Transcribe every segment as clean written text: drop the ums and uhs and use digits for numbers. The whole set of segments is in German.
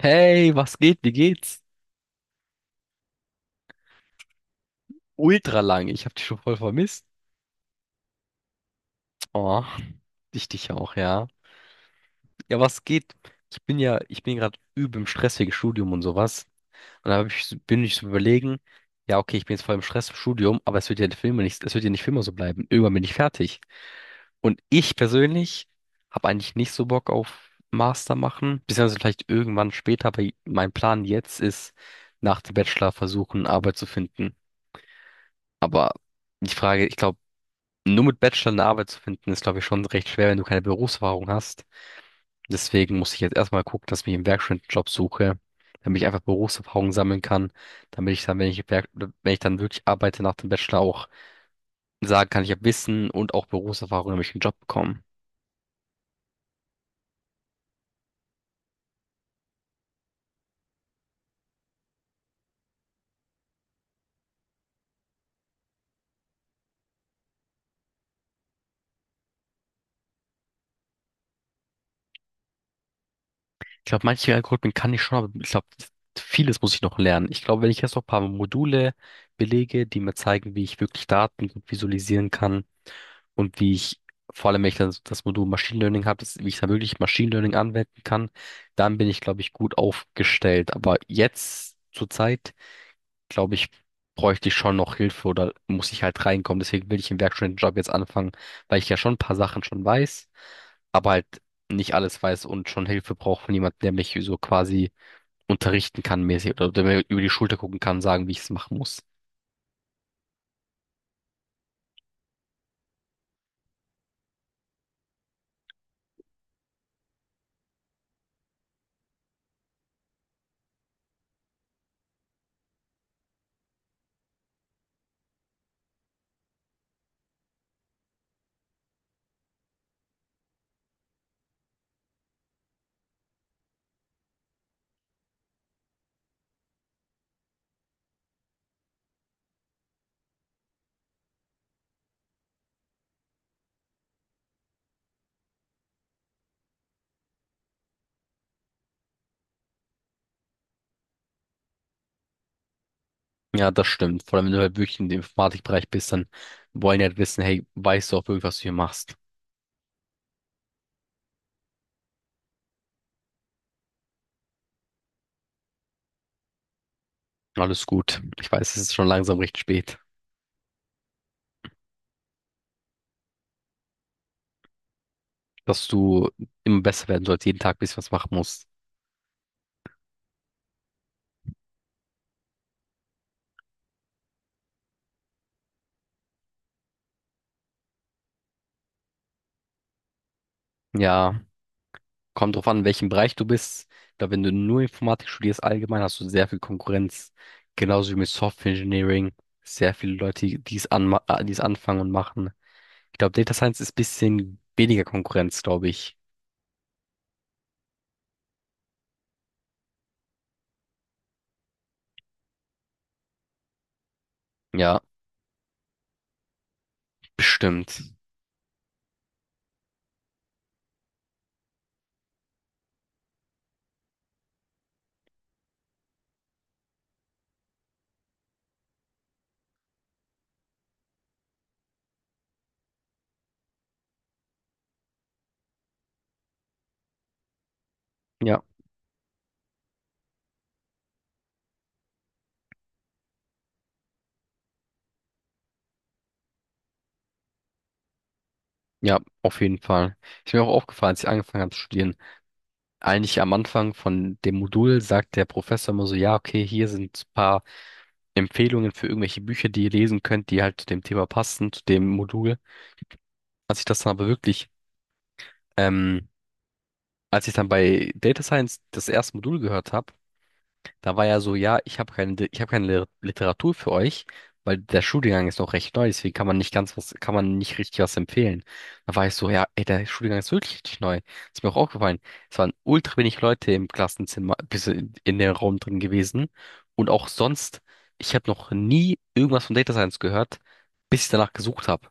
Hey, was geht? Wie geht's? Ultra lang. Ich hab dich schon voll vermisst. Oh, ich dich auch, ja. Ja, was geht? Ich bin gerade übel im Stress wegen Studium und sowas. Und da hab ich, bin ich so überlegen, ja, okay, ich bin jetzt voll im Stress im Studium, aber es wird ja nicht für immer so bleiben. Irgendwann bin ich fertig. Und ich persönlich habe eigentlich nicht so Bock auf Master machen, beziehungsweise vielleicht irgendwann später, aber mein Plan jetzt ist, nach dem Bachelor versuchen, Arbeit zu finden. Aber die Frage, ich glaube, nur mit Bachelor eine Arbeit zu finden, ist, glaube ich, schon recht schwer, wenn du keine Berufserfahrung hast. Deswegen muss ich jetzt erstmal gucken, dass ich mir einen Werkstudentenjob suche, damit ich einfach Berufserfahrung sammeln kann, damit ich dann, wenn ich dann wirklich arbeite nach dem Bachelor auch sagen kann, ich habe Wissen und auch Berufserfahrung, damit ich einen Job bekomme. Ich glaube, manche Algorithmen kann ich schon, aber ich glaube, vieles muss ich noch lernen. Ich glaube, wenn ich jetzt noch ein paar Module belege, die mir zeigen, wie ich wirklich Daten gut visualisieren kann, und wie ich, vor allem wenn ich dann das Modul Machine Learning habe, wie ich dann wirklich Machine Learning anwenden kann, dann bin ich, glaube ich, gut aufgestellt. Aber jetzt zur Zeit, glaube ich, bräuchte ich schon noch Hilfe oder muss ich halt reinkommen. Deswegen will ich im Werkstudentenjob jetzt anfangen, weil ich ja schon ein paar Sachen schon weiß, aber halt nicht alles weiß und schon Hilfe brauche von jemandem, der mich so quasi unterrichten kann mäßig oder der mir über die Schulter gucken kann, sagen, wie ich es machen muss. Ja, das stimmt. Vor allem, wenn du halt wirklich in dem Informatikbereich bist, dann wollen die halt wissen, hey, weißt du auch wirklich, was du hier machst? Alles gut. Ich weiß, es ist schon langsam recht spät, dass du immer besser werden sollst, jeden Tag ein bisschen was machen musst. Ja, kommt drauf an, in welchem Bereich du bist. Ich glaube, wenn du nur Informatik studierst, allgemein hast du sehr viel Konkurrenz. Genauso wie mit Software Engineering. Sehr viele Leute, die es anfangen und machen. Ich glaube, Data Science ist ein bisschen weniger Konkurrenz, glaube ich. Ja, bestimmt. Ja. Ja, auf jeden Fall. Ist mir auch aufgefallen, als ich angefangen habe zu studieren. Eigentlich am Anfang von dem Modul sagt der Professor immer so, ja, okay, hier sind ein paar Empfehlungen für irgendwelche Bücher, die ihr lesen könnt, die halt zu dem Thema passen, zu dem Modul. Als ich das dann aber wirklich, ähm, Als ich dann bei Data Science das erste Modul gehört habe, da war ja so, ja, ich habe keine Literatur für euch, weil der Studiengang ist noch recht neu, deswegen kann man nicht richtig was empfehlen. Da war ich so, ja, ey, der Studiengang ist wirklich richtig neu. Ist mir auch aufgefallen. Es waren ultra wenig Leute im Klassenzimmer, in dem Raum drin gewesen. Und auch sonst, ich habe noch nie irgendwas von Data Science gehört, bis ich danach gesucht habe.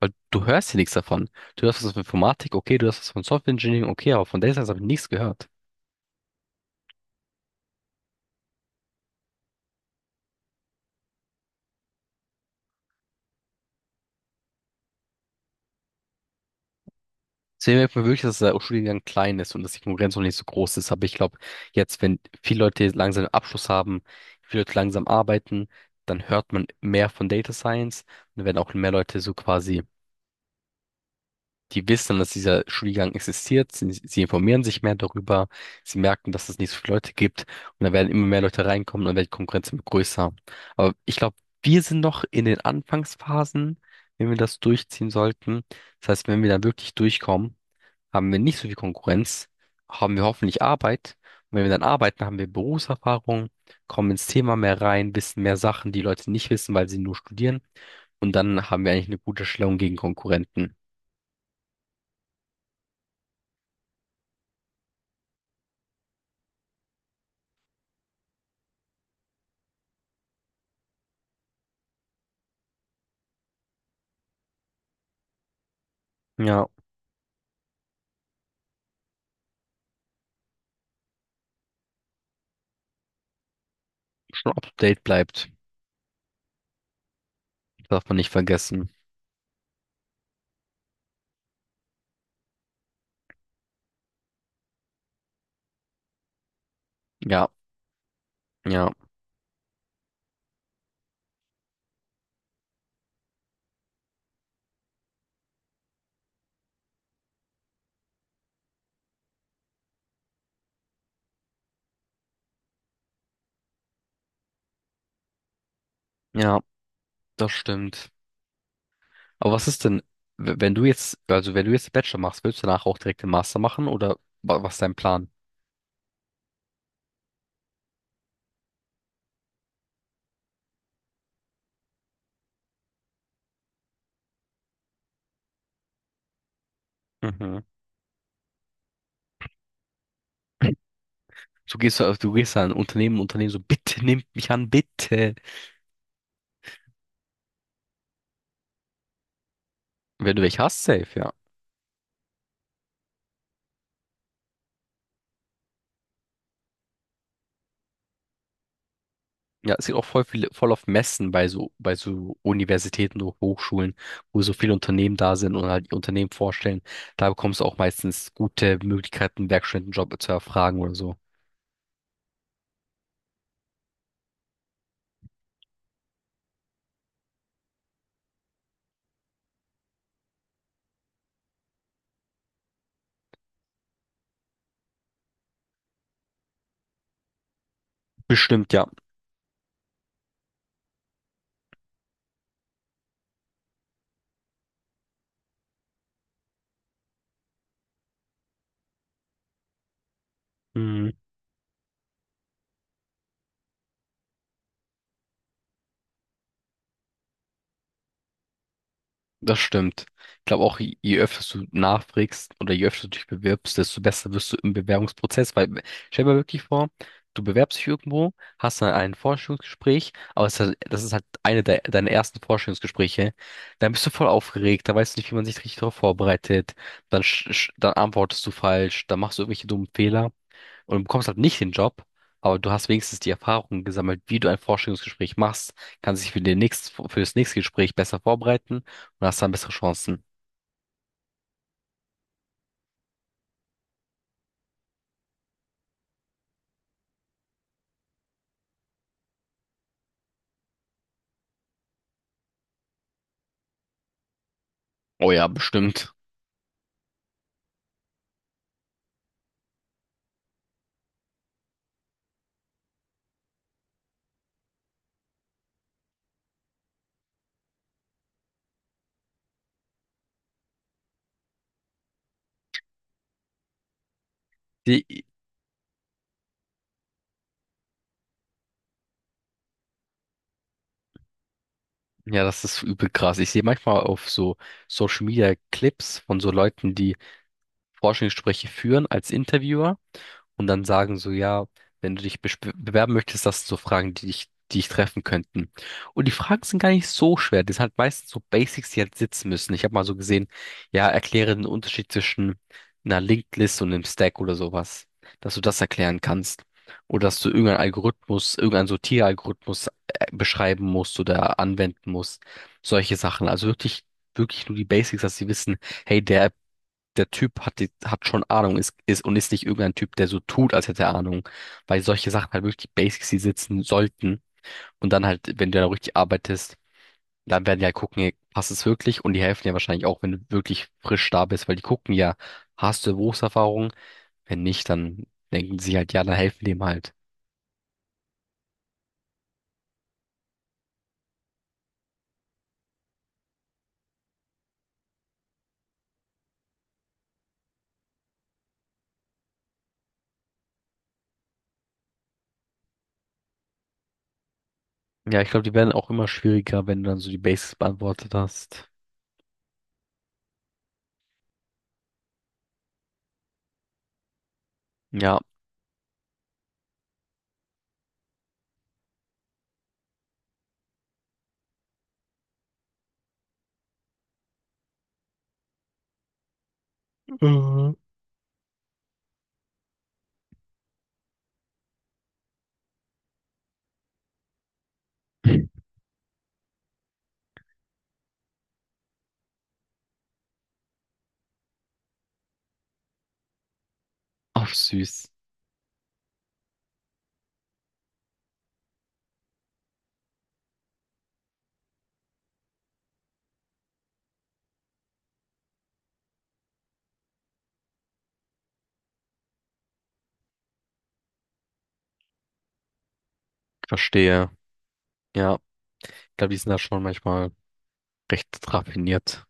Weil du hörst hier nichts davon. Du hörst was von Informatik, okay, du hörst was von Software Engineering, okay, aber von Data Science habe ich nichts gehört. Deswegen merkt man wirklich, dass der Studiengang klein ist und dass die Konkurrenz noch nicht so groß ist. Aber ich glaube, jetzt, wenn viele Leute langsam einen Abschluss haben, viele Leute langsam arbeiten, dann hört man mehr von Data Science und dann werden auch mehr Leute so quasi, die wissen, dass dieser Studiengang existiert, sie informieren sich mehr darüber, sie merken, dass es nicht so viele Leute gibt und dann werden immer mehr Leute reinkommen und dann wird die Konkurrenz immer größer. Aber ich glaube, wir sind noch in den Anfangsphasen, wenn wir das durchziehen sollten. Das heißt, wenn wir dann wirklich durchkommen, haben wir nicht so viel Konkurrenz, haben wir hoffentlich Arbeit. Und wenn wir dann arbeiten, haben wir Berufserfahrung, kommen ins Thema mehr rein, wissen mehr Sachen, die Leute nicht wissen, weil sie nur studieren. Und dann haben wir eigentlich eine gute Stellung gegen Konkurrenten. Ja, schon up to date bleibt. Darf man nicht vergessen. Ja, ja, ja, das stimmt. Aber was ist denn, wenn du jetzt, also wenn du jetzt den Bachelor machst, willst du danach auch direkt den Master machen oder was ist dein Plan? Mhm. Du gehst an ein Unternehmen, Unternehmen so, bitte nehmt mich an, bitte. Wenn du welche hast, safe, ja. Ja, es gibt auch voll viele, voll auf Messen bei so Universitäten oder Hochschulen, wo so viele Unternehmen da sind und halt die Unternehmen vorstellen. Da bekommst du auch meistens gute Möglichkeiten, einen Werkstudentenjob zu erfragen oder so. Bestimmt, ja. Mhm. Das stimmt. Ich glaube auch, je öfter du nachfragst oder je öfter du dich bewirbst, desto besser wirst du im Bewerbungsprozess. Weil stell dir mal wirklich vor, du bewerbst dich irgendwo, hast dann ein Vorstellungsgespräch, aber das ist halt eine de deiner ersten Vorstellungsgespräche. Dann bist du voll aufgeregt, da weißt du nicht, wie man sich richtig darauf vorbereitet. Dann, sch sch dann antwortest du falsch, dann machst du irgendwelche dummen Fehler und du bekommst halt nicht den Job, aber du hast wenigstens die Erfahrung gesammelt, wie du ein Vorstellungsgespräch machst, kannst dich für das nächste Gespräch besser vorbereiten und hast dann bessere Chancen. Oh ja, bestimmt. Die, ja, das ist übel krass. Ich sehe manchmal auf so Social Media Clips von so Leuten, die Vorstellungsgespräche führen als Interviewer. Und dann sagen so, ja, wenn du dich bewerben möchtest, das sind so Fragen, die dich treffen könnten. Und die Fragen sind gar nicht so schwer. Das sind halt meistens so Basics, die halt sitzen müssen. Ich habe mal so gesehen, ja, erkläre den Unterschied zwischen einer Linked List und einem Stack oder sowas, dass du das erklären kannst. Oder dass du irgendeinen Algorithmus, irgendeinen Sortieralgorithmus beschreiben musst oder anwenden musst. Solche Sachen. Also wirklich, wirklich nur die Basics, dass sie wissen, hey, der Typ hat, hat schon Ahnung ist nicht irgendein Typ, der so tut, als hätte er Ahnung. Weil solche Sachen halt wirklich die Basics, die sitzen sollten. Und dann halt, wenn du da richtig arbeitest, dann werden die halt gucken, ey, passt es wirklich? Und die helfen dir wahrscheinlich auch, wenn du wirklich frisch da bist, weil die gucken ja, hast du Berufserfahrung? Wenn nicht, dann denken sie halt, ja, dann helfen die ihm halt. Ja, ich glaube, die werden auch immer schwieriger, wenn du dann so die Basics beantwortet hast. Ja. Ach, süß. Verstehe. Ja. Ich glaube, die sind da schon manchmal recht raffiniert.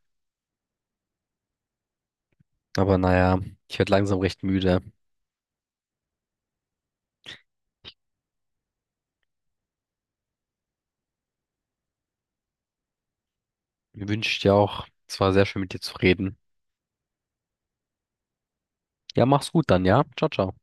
Aber naja, ich werde langsam recht müde. Mir wünscht ja auch, es war sehr schön mit dir zu reden. Ja, mach's gut dann, ja? Ciao, ciao.